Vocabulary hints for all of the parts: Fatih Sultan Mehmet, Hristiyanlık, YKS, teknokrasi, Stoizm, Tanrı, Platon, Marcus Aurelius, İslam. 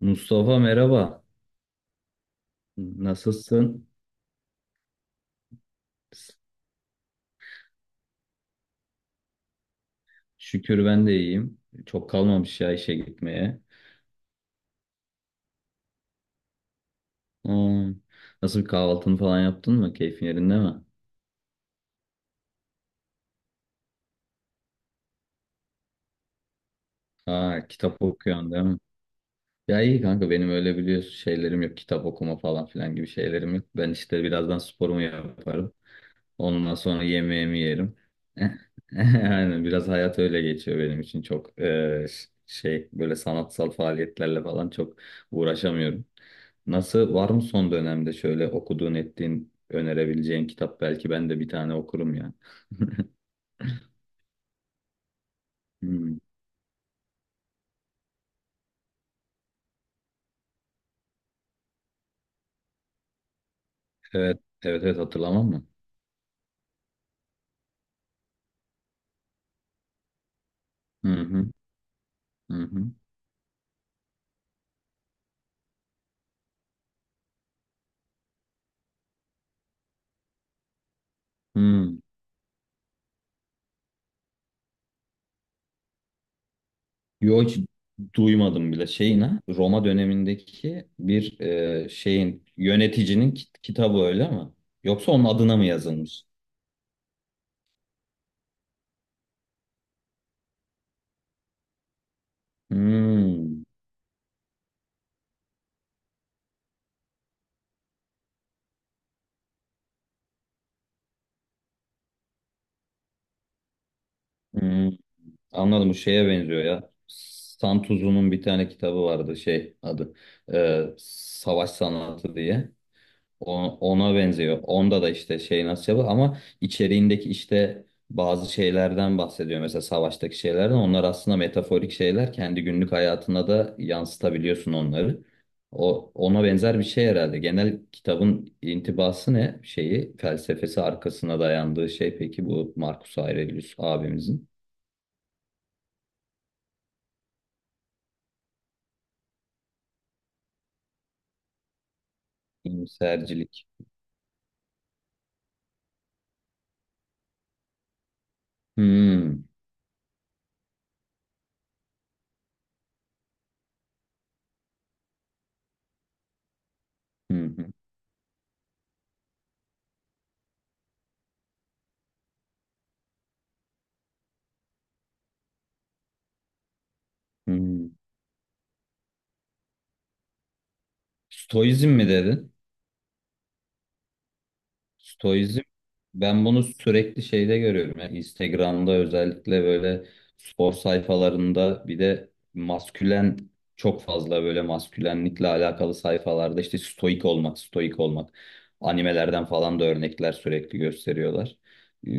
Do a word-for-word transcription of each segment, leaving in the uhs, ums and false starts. Mustafa merhaba. Nasılsın? Şükür ben de iyiyim. Çok kalmamış ya işe gitmeye. Hmm. Nasıl bir kahvaltını falan yaptın mı? Keyfin yerinde mi? Ha, kitap okuyorsun değil mi? Ya iyi kanka, benim öyle biliyorsun şeylerim yok. Kitap okuma falan filan gibi şeylerim yok. Ben işte birazdan sporumu yaparım. Ondan sonra yemeğimi yerim. Aynen, biraz hayat öyle geçiyor benim için. Çok eee, ş- şey, böyle sanatsal faaliyetlerle falan çok uğraşamıyorum. Nasıl, var mı son dönemde şöyle okuduğun ettiğin önerebileceğin kitap? Belki ben de bir tane okurum ya. Hmm. Evet evet evet, hatırlamam mı? Hı hı hı hı. Hmm. Yo, hiç duymadım bile. Şeyin ha, Roma dönemindeki bir eee, şeyin, yöneticinin kit- kitabı öyle mi? Yoksa onun adına mı yazılmış? Hmm, hmm. Anladım. Bu şeye benziyor ya. Santuzu'nun bir tane kitabı vardı, şey adı, e, Savaş Sanatı diye. O- Ona benziyor. Onda da işte şey nasıl yapıyor, ama içeriğindeki işte bazı şeylerden bahsediyor. Mesela savaştaki şeylerden. Onlar aslında metaforik şeyler. Kendi günlük hayatına da yansıtabiliyorsun onları. O, ona benzer bir şey herhalde. Genel kitabın intibası ne? Şeyi, felsefesi, arkasına dayandığı şey peki bu Marcus Aurelius abimizin. İyimsercilik. Hmm. Hı hı. Hı. Stoizm mi dedin? Stoizm, ben bunu sürekli şeyde görüyorum. Yani Instagram'da, özellikle böyle spor sayfalarında, bir de maskülen, çok fazla böyle maskülenlikle alakalı sayfalarda, işte stoik olmak, stoik olmak. Animelerden falan da örnekler sürekli gösteriyorlar. Ee,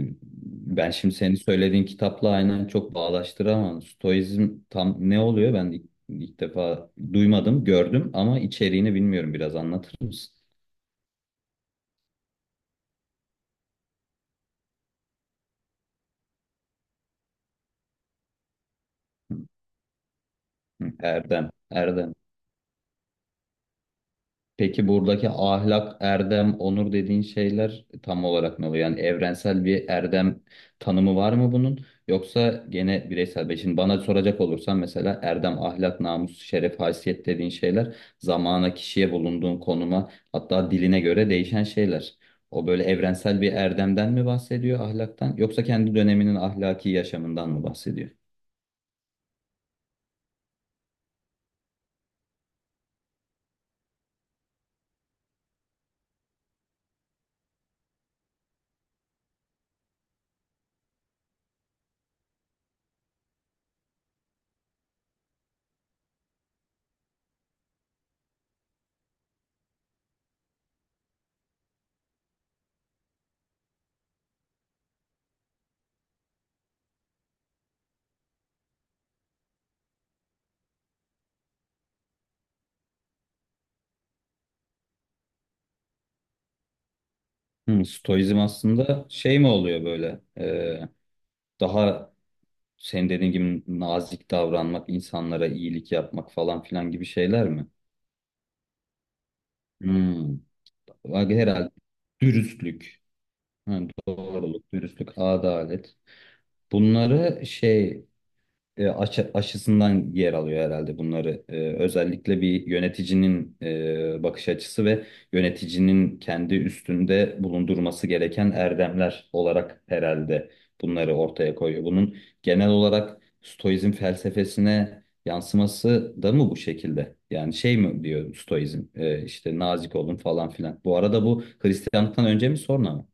Ben şimdi senin söylediğin kitapla aynen çok bağdaştıramam. Stoizm tam ne oluyor? Ben ilk, ilk defa duymadım, gördüm ama içeriğini bilmiyorum. Biraz anlatır mısın? Hı. Erdem, erdem. Peki buradaki ahlak, erdem, onur dediğin şeyler tam olarak ne oluyor? Yani evrensel bir erdem tanımı var mı bunun? Yoksa gene bireysel bir. Şimdi bana soracak olursan mesela erdem, ahlak, namus, şeref, haysiyet dediğin şeyler zamana, kişiye, bulunduğun konuma, hatta diline göre değişen şeyler. O böyle evrensel bir erdemden mi bahsediyor, ahlaktan, yoksa kendi döneminin ahlaki yaşamından mı bahsediyor? Hmm, Stoizm aslında şey mi oluyor böyle? Ee, daha senin dediğin gibi nazik davranmak, insanlara iyilik yapmak falan filan gibi şeyler mi? Hmm. Bak, herhalde dürüstlük, ha, doğruluk, dürüstlük, adalet. Bunları şey, e, aşı- aşısından yer alıyor herhalde bunları. E, özellikle bir yöneticinin e, bakış açısı ve yöneticinin kendi üstünde bulundurması gereken erdemler olarak herhalde bunları ortaya koyuyor. Bunun genel olarak Stoizm felsefesine yansıması da mı bu şekilde? Yani şey mi diyor Stoizm? E, işte nazik olun falan filan. Bu arada bu Hristiyanlıktan önce mi, sonra mı?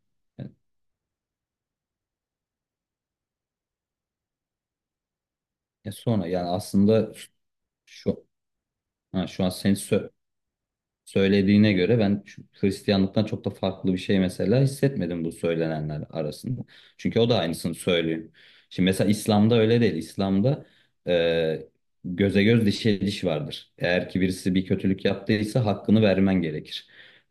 E, sonra yani, aslında şu, ha, şu an sen sö- söylediğine göre ben şu- Hristiyanlıktan çok da farklı bir şey mesela hissetmedim bu söylenenler arasında. Çünkü o da aynısını söylüyor. Şimdi mesela İslam'da öyle değil. İslam'da e, göze göz, dişe diş vardır. Eğer ki birisi bir kötülük yaptıysa hakkını vermen gerekir.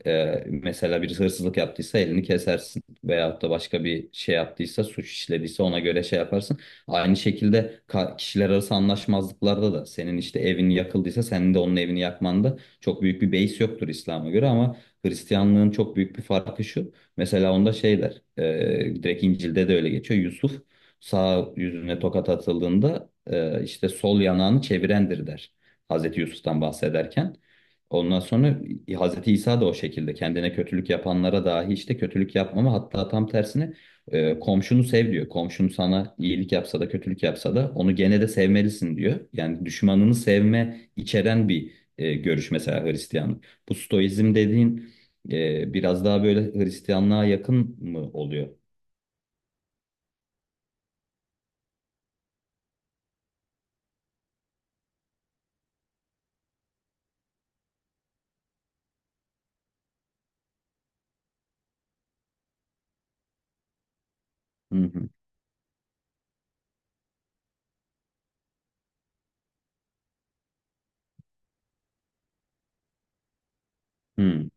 E, mesela birisi hırsızlık yaptıysa elini kesersin. Veyahut da başka bir şey yaptıysa, suç işlediyse ona göre şey yaparsın. Aynı şekilde ka- kişiler arası anlaşmazlıklarda da, senin işte evin yakıldıysa senin de onun evini yakmanda çok büyük bir base yoktur İslam'a göre. Ama Hristiyanlığın çok büyük bir farkı şu. Mesela onda şeyler, e, direkt İncil'de de öyle geçiyor. Yusuf sağ yüzüne tokat atıldığında e, işte sol yanağını çevirendir, der. Hazreti Yusuf'tan bahsederken. Ondan sonra Hazreti İsa da o şekilde kendine kötülük yapanlara dahi işte kötülük yapmama, hatta tam tersine e, komşunu sev diyor. Komşun sana iyilik yapsa da kötülük yapsa da onu gene de sevmelisin diyor. Yani düşmanını sevme içeren bir e, görüş mesela Hristiyanlık. Bu Stoizm dediğin e, biraz daha böyle Hristiyanlığa yakın mı oluyor? Hı hı. Hı hı.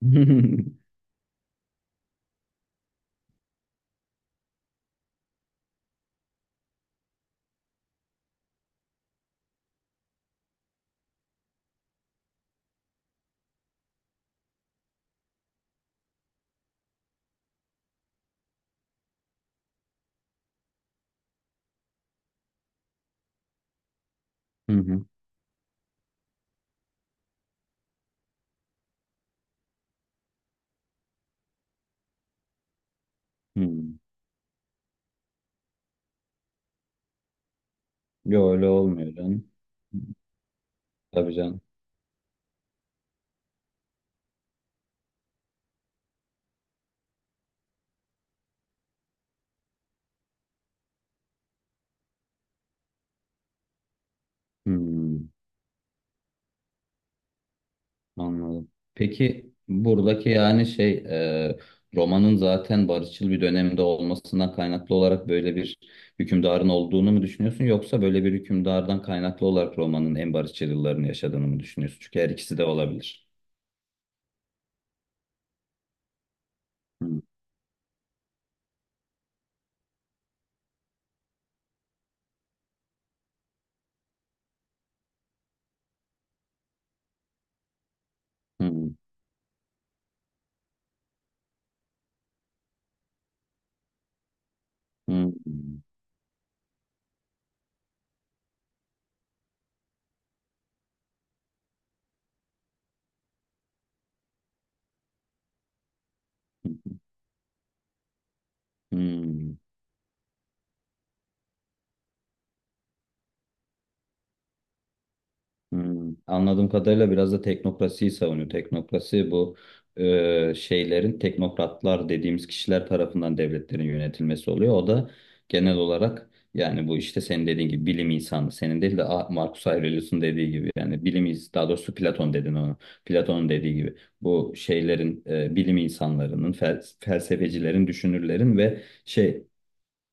Hı hı. Hı. Yo, öyle olmuyor canım. Tabii canım. Hmm, anladım. Peki buradaki yani şey, e, romanın zaten barışçıl bir dönemde olmasından kaynaklı olarak böyle bir hükümdarın olduğunu mu düşünüyorsun, yoksa böyle bir hükümdardan kaynaklı olarak romanın en barışçıl yıllarını yaşadığını mı düşünüyorsun? Çünkü her ikisi de olabilir. Hmm, hmm, hmm, hmm. Hmm. Anladığım kadarıyla biraz da teknokrasiyi savunuyor. Teknokrasi, bu e, şeylerin, teknokratlar dediğimiz kişiler tarafından devletlerin yönetilmesi oluyor. O da genel olarak yani bu, işte senin dediğin gibi bilim insanı, senin değil de A- Marcus Aurelius'un dediği gibi, yani bilim ins- daha doğrusu Platon, dedin onu. Platon'un dediği gibi bu şeylerin, e, bilim insanlarının, fel- felsefecilerin, düşünürlerin ve şey,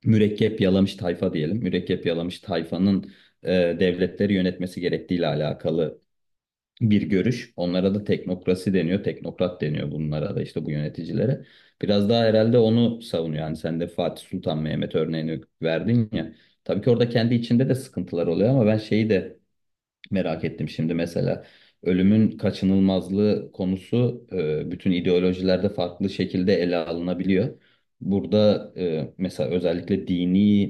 mürekkep yalamış tayfa diyelim, mürekkep yalamış tayfanın e, devletleri yönetmesi gerektiğiyle alakalı bir görüş. Onlara da teknokrasi deniyor, teknokrat deniyor bunlara da, işte bu yöneticilere. Biraz daha herhalde onu savunuyor. Yani sen de Fatih Sultan Mehmet örneğini verdin ya. Tabii ki orada kendi içinde de sıkıntılar oluyor, ama ben şeyi de merak ettim şimdi mesela. Ölümün kaçınılmazlığı konusu e, bütün ideolojilerde farklı şekilde ele alınabiliyor. Burada e, mesela özellikle dini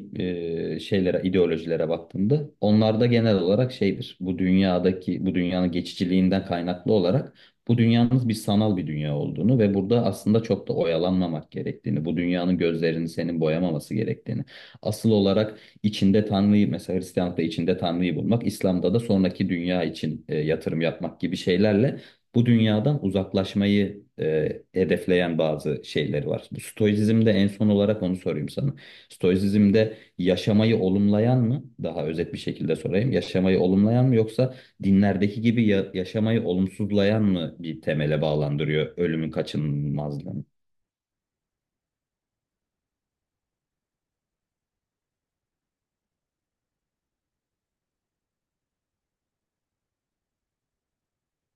e, şeylere, ideolojilere baktığında onlarda genel olarak şeydir. Bu dünyadaki, bu dünyanın geçiciliğinden kaynaklı olarak bu dünyanın bir sanal bir dünya olduğunu ve burada aslında çok da oyalanmamak gerektiğini, bu dünyanın gözlerini senin boyamaması gerektiğini, asıl olarak içinde Tanrı'yı, mesela Hristiyanlıkta içinde Tanrı'yı bulmak, İslam'da da sonraki dünya için e, yatırım yapmak gibi şeylerle bu dünyadan uzaklaşmayı e, hedefleyen bazı şeyleri var. Bu Stoizm'de en son olarak onu sorayım sana. Stoizm'de yaşamayı olumlayan mı? Daha özet bir şekilde sorayım. Yaşamayı olumlayan mı, yoksa dinlerdeki gibi ya- yaşamayı olumsuzlayan mı bir temele bağlandırıyor ölümün kaçınılmazlığını?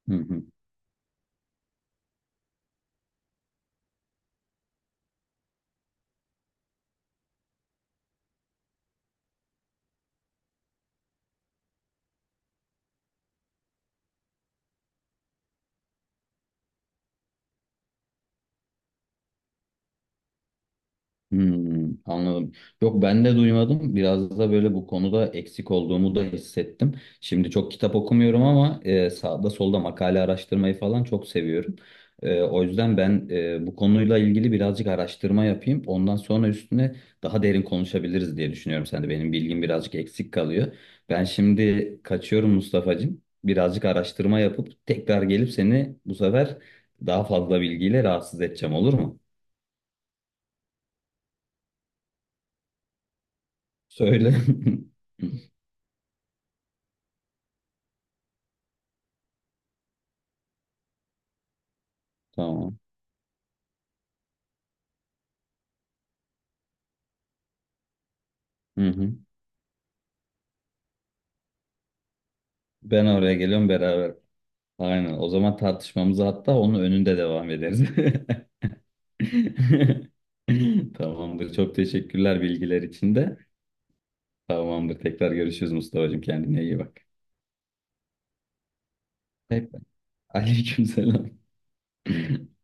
Hı hı. Hmm, anladım. Yok, ben de duymadım. Biraz da böyle bu konuda eksik olduğumu da hissettim. Şimdi çok kitap okumuyorum ama e, sağda solda makale araştırmayı falan çok seviyorum. E, o yüzden ben e, bu konuyla ilgili birazcık araştırma yapayım. Ondan sonra üstüne daha derin konuşabiliriz diye düşünüyorum. Sen de, benim bilgim birazcık eksik kalıyor. Ben şimdi kaçıyorum Mustafa'cığım. Birazcık araştırma yapıp tekrar gelip seni bu sefer daha fazla bilgiyle rahatsız edeceğim, olur mu? Söyle. Tamam. Hı hı. Ben oraya geliyorum beraber. Aynen. O zaman tartışmamızı hatta onun önünde devam ederiz. Tamamdır. Çok teşekkürler bilgiler için de. Tamamdır. Tekrar görüşürüz Mustafa'cığım. Kendine iyi bak. Hep. Aleykümselam.